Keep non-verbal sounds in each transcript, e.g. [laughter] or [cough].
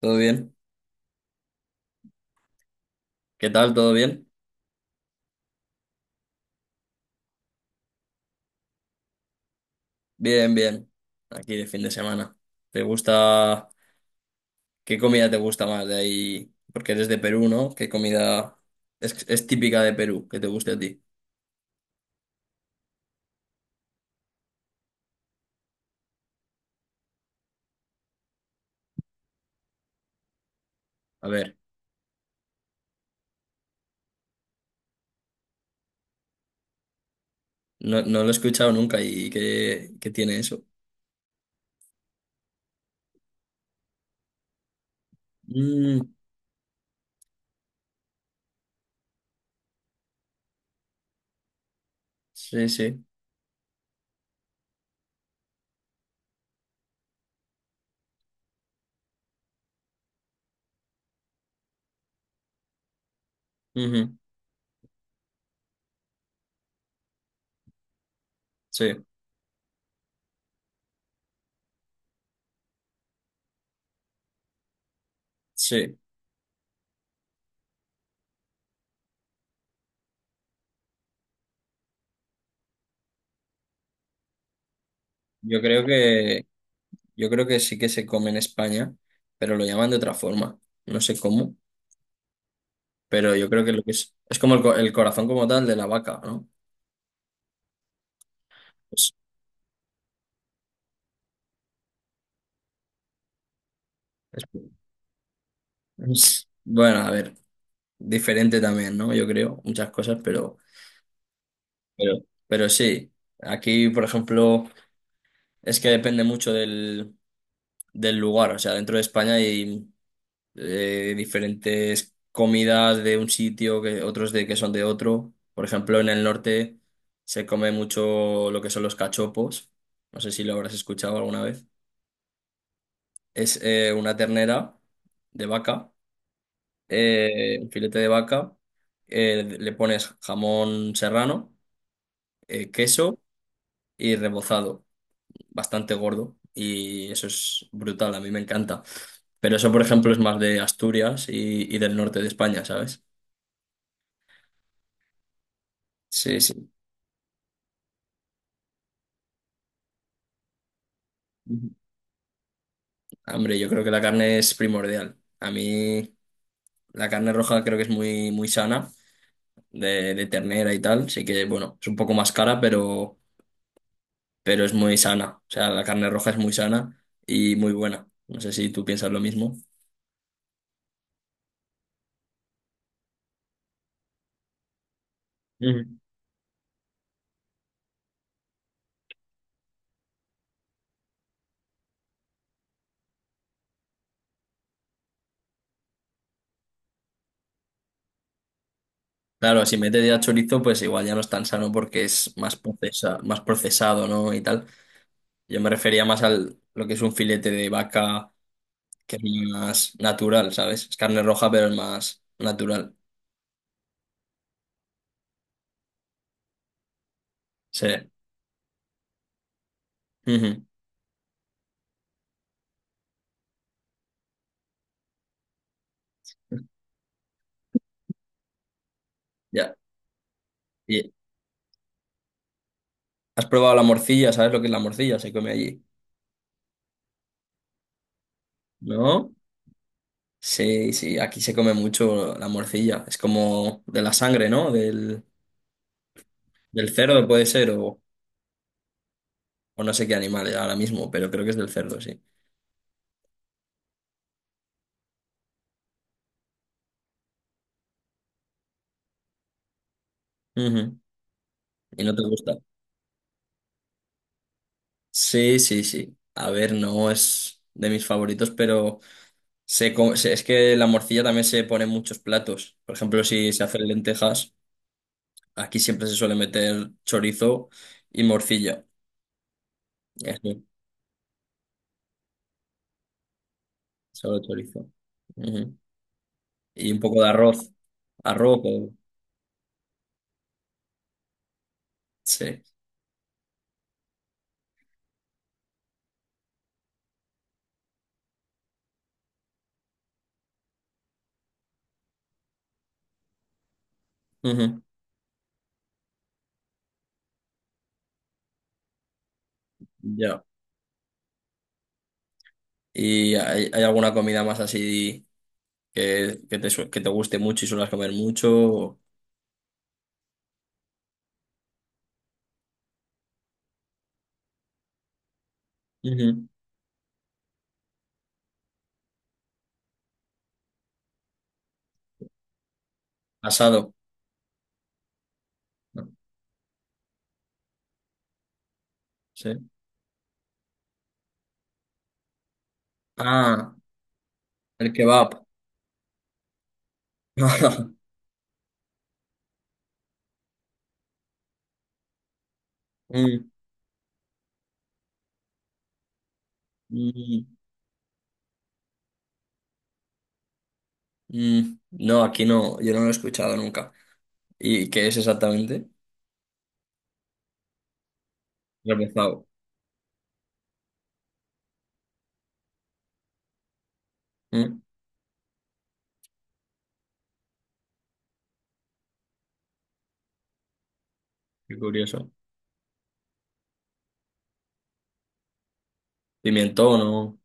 ¿Todo bien? ¿Qué tal? ¿Todo bien? Bien, bien. Aquí de fin de semana. ¿Te gusta? ¿Qué comida te gusta más de ahí? Porque eres de Perú, ¿no? ¿Qué comida es típica de Perú que te guste a ti? A ver, no, no lo he escuchado nunca y ¿qué tiene eso? Mm, sí, sí. Ujú. Sí, sí. Yo creo que, yo creo que sí que se come en España, pero lo llaman de otra forma. No sé cómo, pero yo creo que lo que es como el corazón como tal de la vaca, ¿no? Pues. Bueno, a ver, diferente también, ¿no? Yo creo, muchas cosas, pero, pero sí. Aquí, por ejemplo, es que depende mucho del lugar. O sea, dentro de España hay diferentes comidas de un sitio, que otros de que son de otro. Por ejemplo, en el norte se come mucho lo que son los cachopos. No sé si lo habrás escuchado alguna vez. Es una ternera de vaca, un filete de vaca, le pones jamón serrano, queso y rebozado, bastante gordo. Y eso es brutal, a mí me encanta. Pero eso, por ejemplo, es más de Asturias y del norte de España, ¿sabes? Sí, sí. Ujú. Hombre, yo creo que la carne es primordial. A mí la carne roja creo que es muy, muy sana, de ternera y tal. Sí que, bueno, es un poco más cara, pero es muy sana. O sea, la carne roja es muy sana y muy buena. No sé si tú piensas lo mismo. Ujú. Claro, si metes ya chorizo, pues igual ya no es tan sano porque es más procesado, ¿no? Y tal. Yo me refería más al lo que es un filete de vaca, que es más natural, ¿sabes? Es carne roja, pero es más natural. Sí. Ujú. Ya. ¿Y has probado la morcilla? ¿Sabes lo que es la morcilla? Se come allí. ¿No? Sí, sí, aquí se come mucho la morcilla. Es como de la sangre, ¿no? Del cerdo puede ser, o no sé qué animal ahora mismo, pero creo que es del cerdo, sí. Ujú. ¿Y no te gusta? Sí, sí, sí. A ver, no es de mis favoritos, pero es que la morcilla también se pone en muchos platos. Por ejemplo, si se hacen lentejas, aquí siempre se suele meter chorizo y morcilla. Eso, solo chorizo. Ujú. Y un poco de arroz. Arroz, sí. Ujú. Ya. ¿Y hay alguna comida más así, que te guste mucho y suelas comer mucho? Ujú. Asado. ¿No? Sí. Ah, el kebab. [laughs] Mm, mm, mm. No, aquí no, yo no lo he escuchado nunca. ¿Y qué es exactamente? Repezado. Mm, Qué curioso. Pimentón o...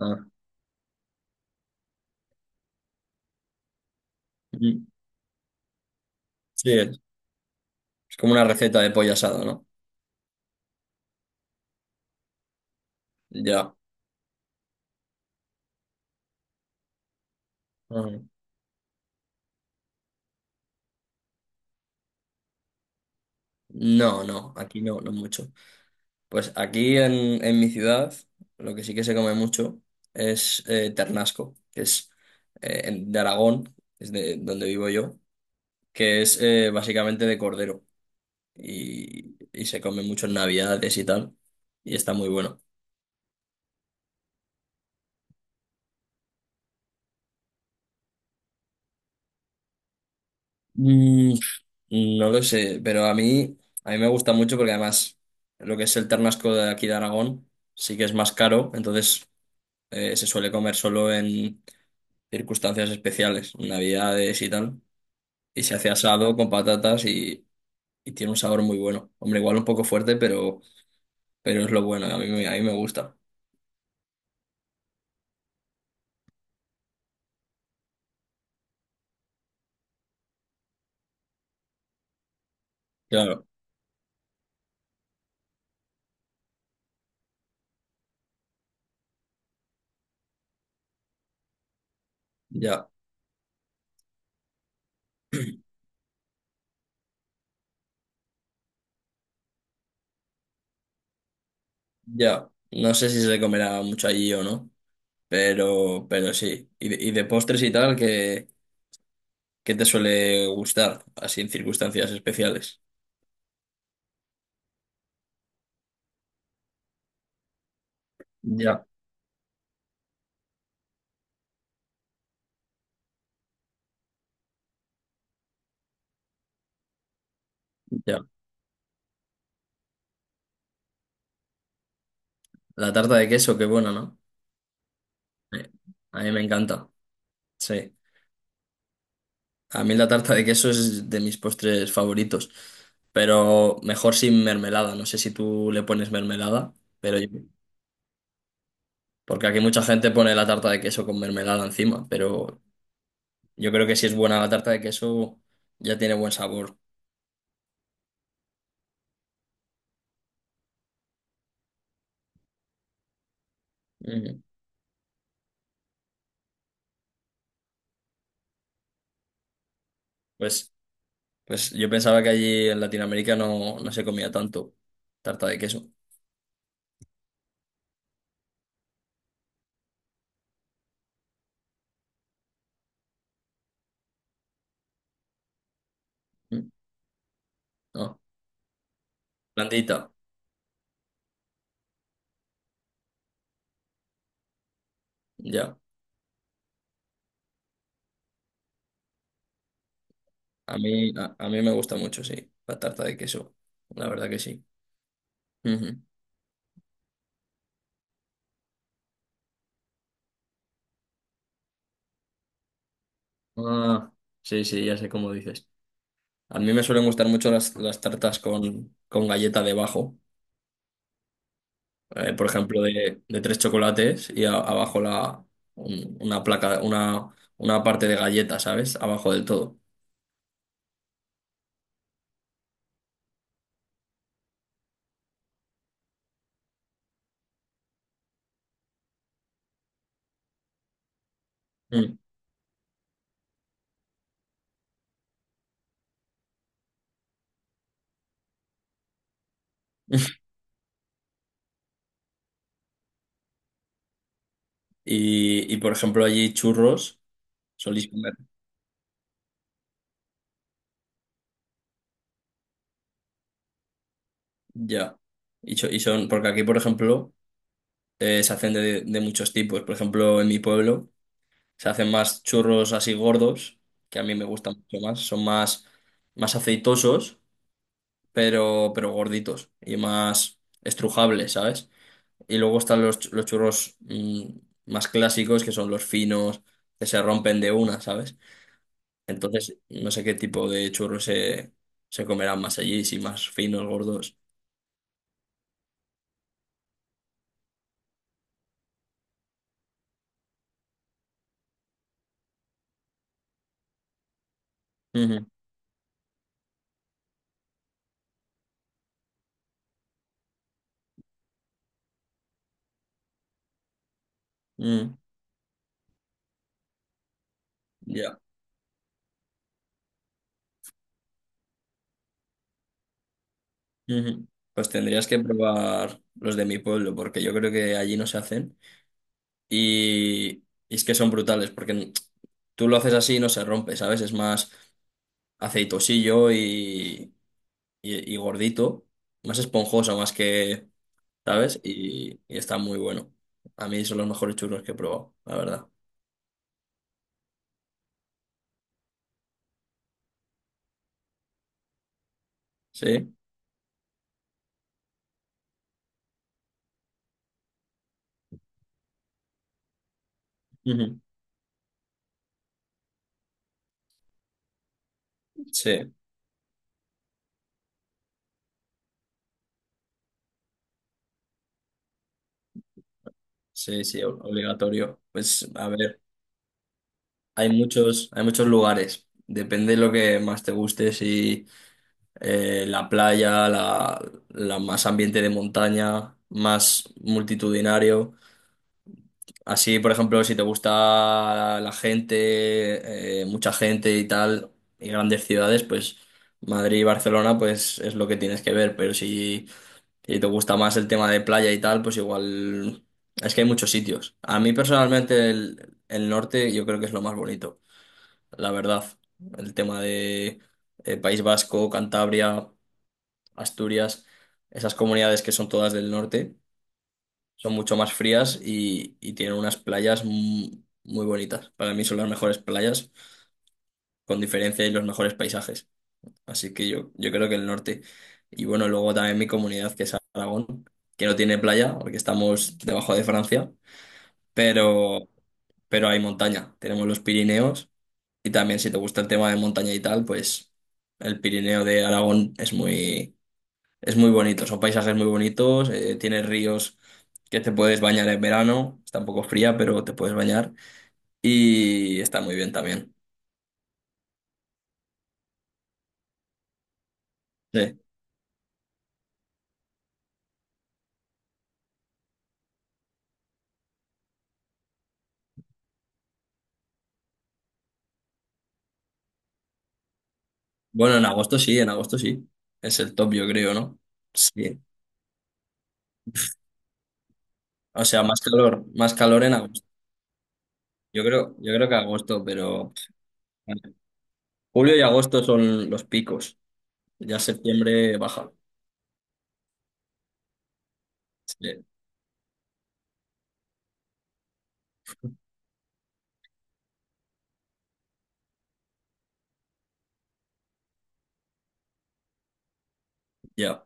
Ah, mm. Sí, es como una receta de pollo asado, ¿no? Ya. Ajá. No, no, aquí no, no mucho. Pues aquí en mi ciudad lo que sí que se come mucho es ternasco, que es de Aragón, es de donde vivo yo, que es básicamente de cordero, y se come mucho en Navidades y tal, y está muy bueno. Mm, no lo sé, pero a mí me gusta mucho porque además lo que es el ternasco de aquí de Aragón sí que es más caro, entonces se suele comer solo en circunstancias especiales, Navidades y tal. Y se hace asado con patatas, y tiene un sabor muy bueno. Hombre, igual un poco fuerte, pero es lo bueno. A mí me gusta. Claro, ya, ya. No sé si se comerá mucho allí o no, pero sí. Y de postres y tal, ¿qué te suele gustar? Así en circunstancias especiales. Ya, ya. La tarta de queso, qué buena, ¿no? Eh, A mí me encanta. Sí. A mí la tarta de queso es de mis postres favoritos, pero mejor sin mermelada. No sé si tú le pones mermelada, pero yo- porque aquí mucha gente pone la tarta de queso con mermelada encima, pero yo creo que si es buena la tarta de queso ya tiene buen sabor. Mm. Pues, pues yo pensaba que allí en Latinoamérica no se comía tanto tarta de queso. Mm. No, blandita, ya. A mí me gusta mucho, sí, la tarta de queso. La verdad que sí. Ujú. Ah, sí, sí, ya sé cómo dices. A mí me suelen gustar mucho las tartas con galleta debajo. Por ejemplo, de tres chocolates y abajo una placa, una parte de galleta, ¿sabes? Abajo del todo. Mm. [laughs] Y, por ejemplo, allí churros solís comer. Ya. Y son, porque aquí, por ejemplo, se hacen de muchos tipos. Por ejemplo, en mi pueblo. Se hacen más churros así gordos, que a mí me gustan mucho más. Son más aceitosos, pero gorditos y más estrujables, ¿sabes? Y luego están los churros más clásicos, que son los finos, que se rompen de una, ¿sabes? Entonces, no sé qué tipo de churros se comerán más allí, si más finos, gordos. Ujú, ujú, ya. Ujú. Pues tendrías que probar los de mi pueblo, porque yo creo que allí no se hacen. Y, y es que son brutales, porque tú lo haces así y no se rompe, ¿sabes? Es más aceitosillo y gordito, más esponjoso, más que, ¿sabes? Y está muy bueno. A mí son los mejores churros que he probado, la verdad. ¿Sí? Ujú. Sí, sí, sí, obligatorio. Pues a ver, hay muchos lugares. Depende de lo que más te guste, si la playa, la más ambiente de montaña, más multitudinario. Así, por ejemplo, si te gusta la gente, mucha gente y tal, y grandes ciudades, pues Madrid y Barcelona, pues es lo que tienes que ver. Pero si te gusta más el tema de playa y tal, pues igual es que hay muchos sitios. A mí personalmente el norte yo creo que es lo más bonito, la verdad. El tema de País Vasco, Cantabria. Asturias, esas comunidades que son todas del norte, son mucho más frías y tienen unas playas muy bonitas. Para mí son las mejores playas, con diferencia, y los mejores paisajes. Así que yo creo que el norte. Y bueno, luego también mi comunidad, que es Aragón, que no tiene playa, porque estamos debajo de Francia, pero, pero hay montaña. Tenemos los Pirineos y también si te gusta el tema de montaña y tal, pues el Pirineo de Aragón es muy bonito, son paisajes muy bonitos, tiene ríos que te puedes bañar en verano, está un poco fría, pero te puedes bañar y está muy bien también. Sí. Bueno, en agosto sí, en agosto sí. Es el top, yo creo, ¿no? Sí. O sea, más calor en agosto. Yo creo que agosto, pero vale. Julio y agosto son los picos. Ya septiembre baja. Sí, ya.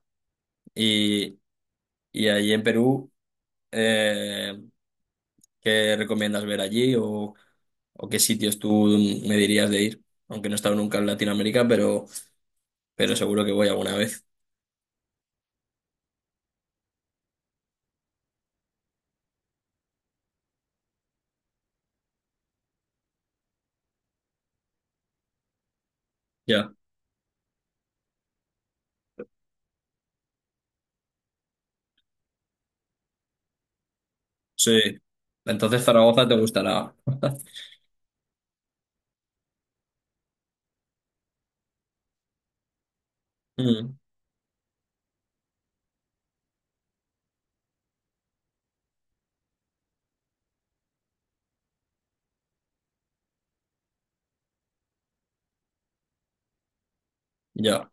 Y, y ahí en Perú, eh, ¿qué recomiendas ver allí? O qué sitios tú me dirías de ir, aunque no he estado nunca en Latinoamérica, pero seguro que voy alguna vez? Ya, sí. Entonces Zaragoza te gustará. Mm, ya,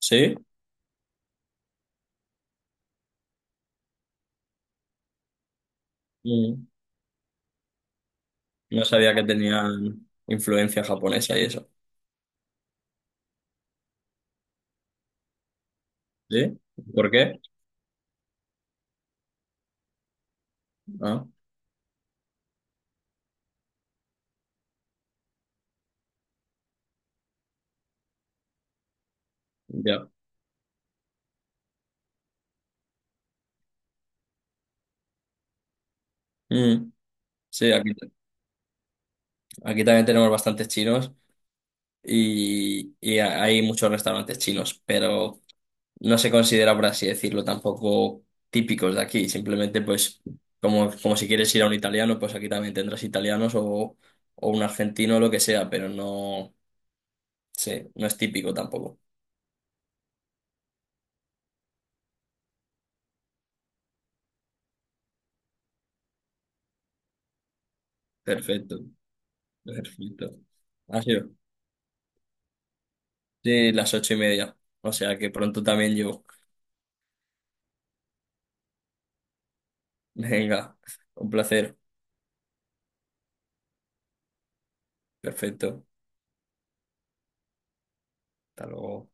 sí. Mm, no sabía que tenían influencia japonesa y eso. ¿Sí? ¿Por qué? Ah, ya. Mm, sí, aquí también tenemos bastantes chinos y hay muchos restaurantes chinos, pero no se considera, por así decirlo, tampoco típicos de aquí. Simplemente, pues, como si quieres ir a un italiano, pues aquí también tendrás italianos o un argentino o lo que sea, pero no, sí, no es típico tampoco. Perfecto, perfecto. Ha sido de las 8:30, o sea que pronto también yo. [laughs] Venga, un placer. Perfecto. Hasta luego.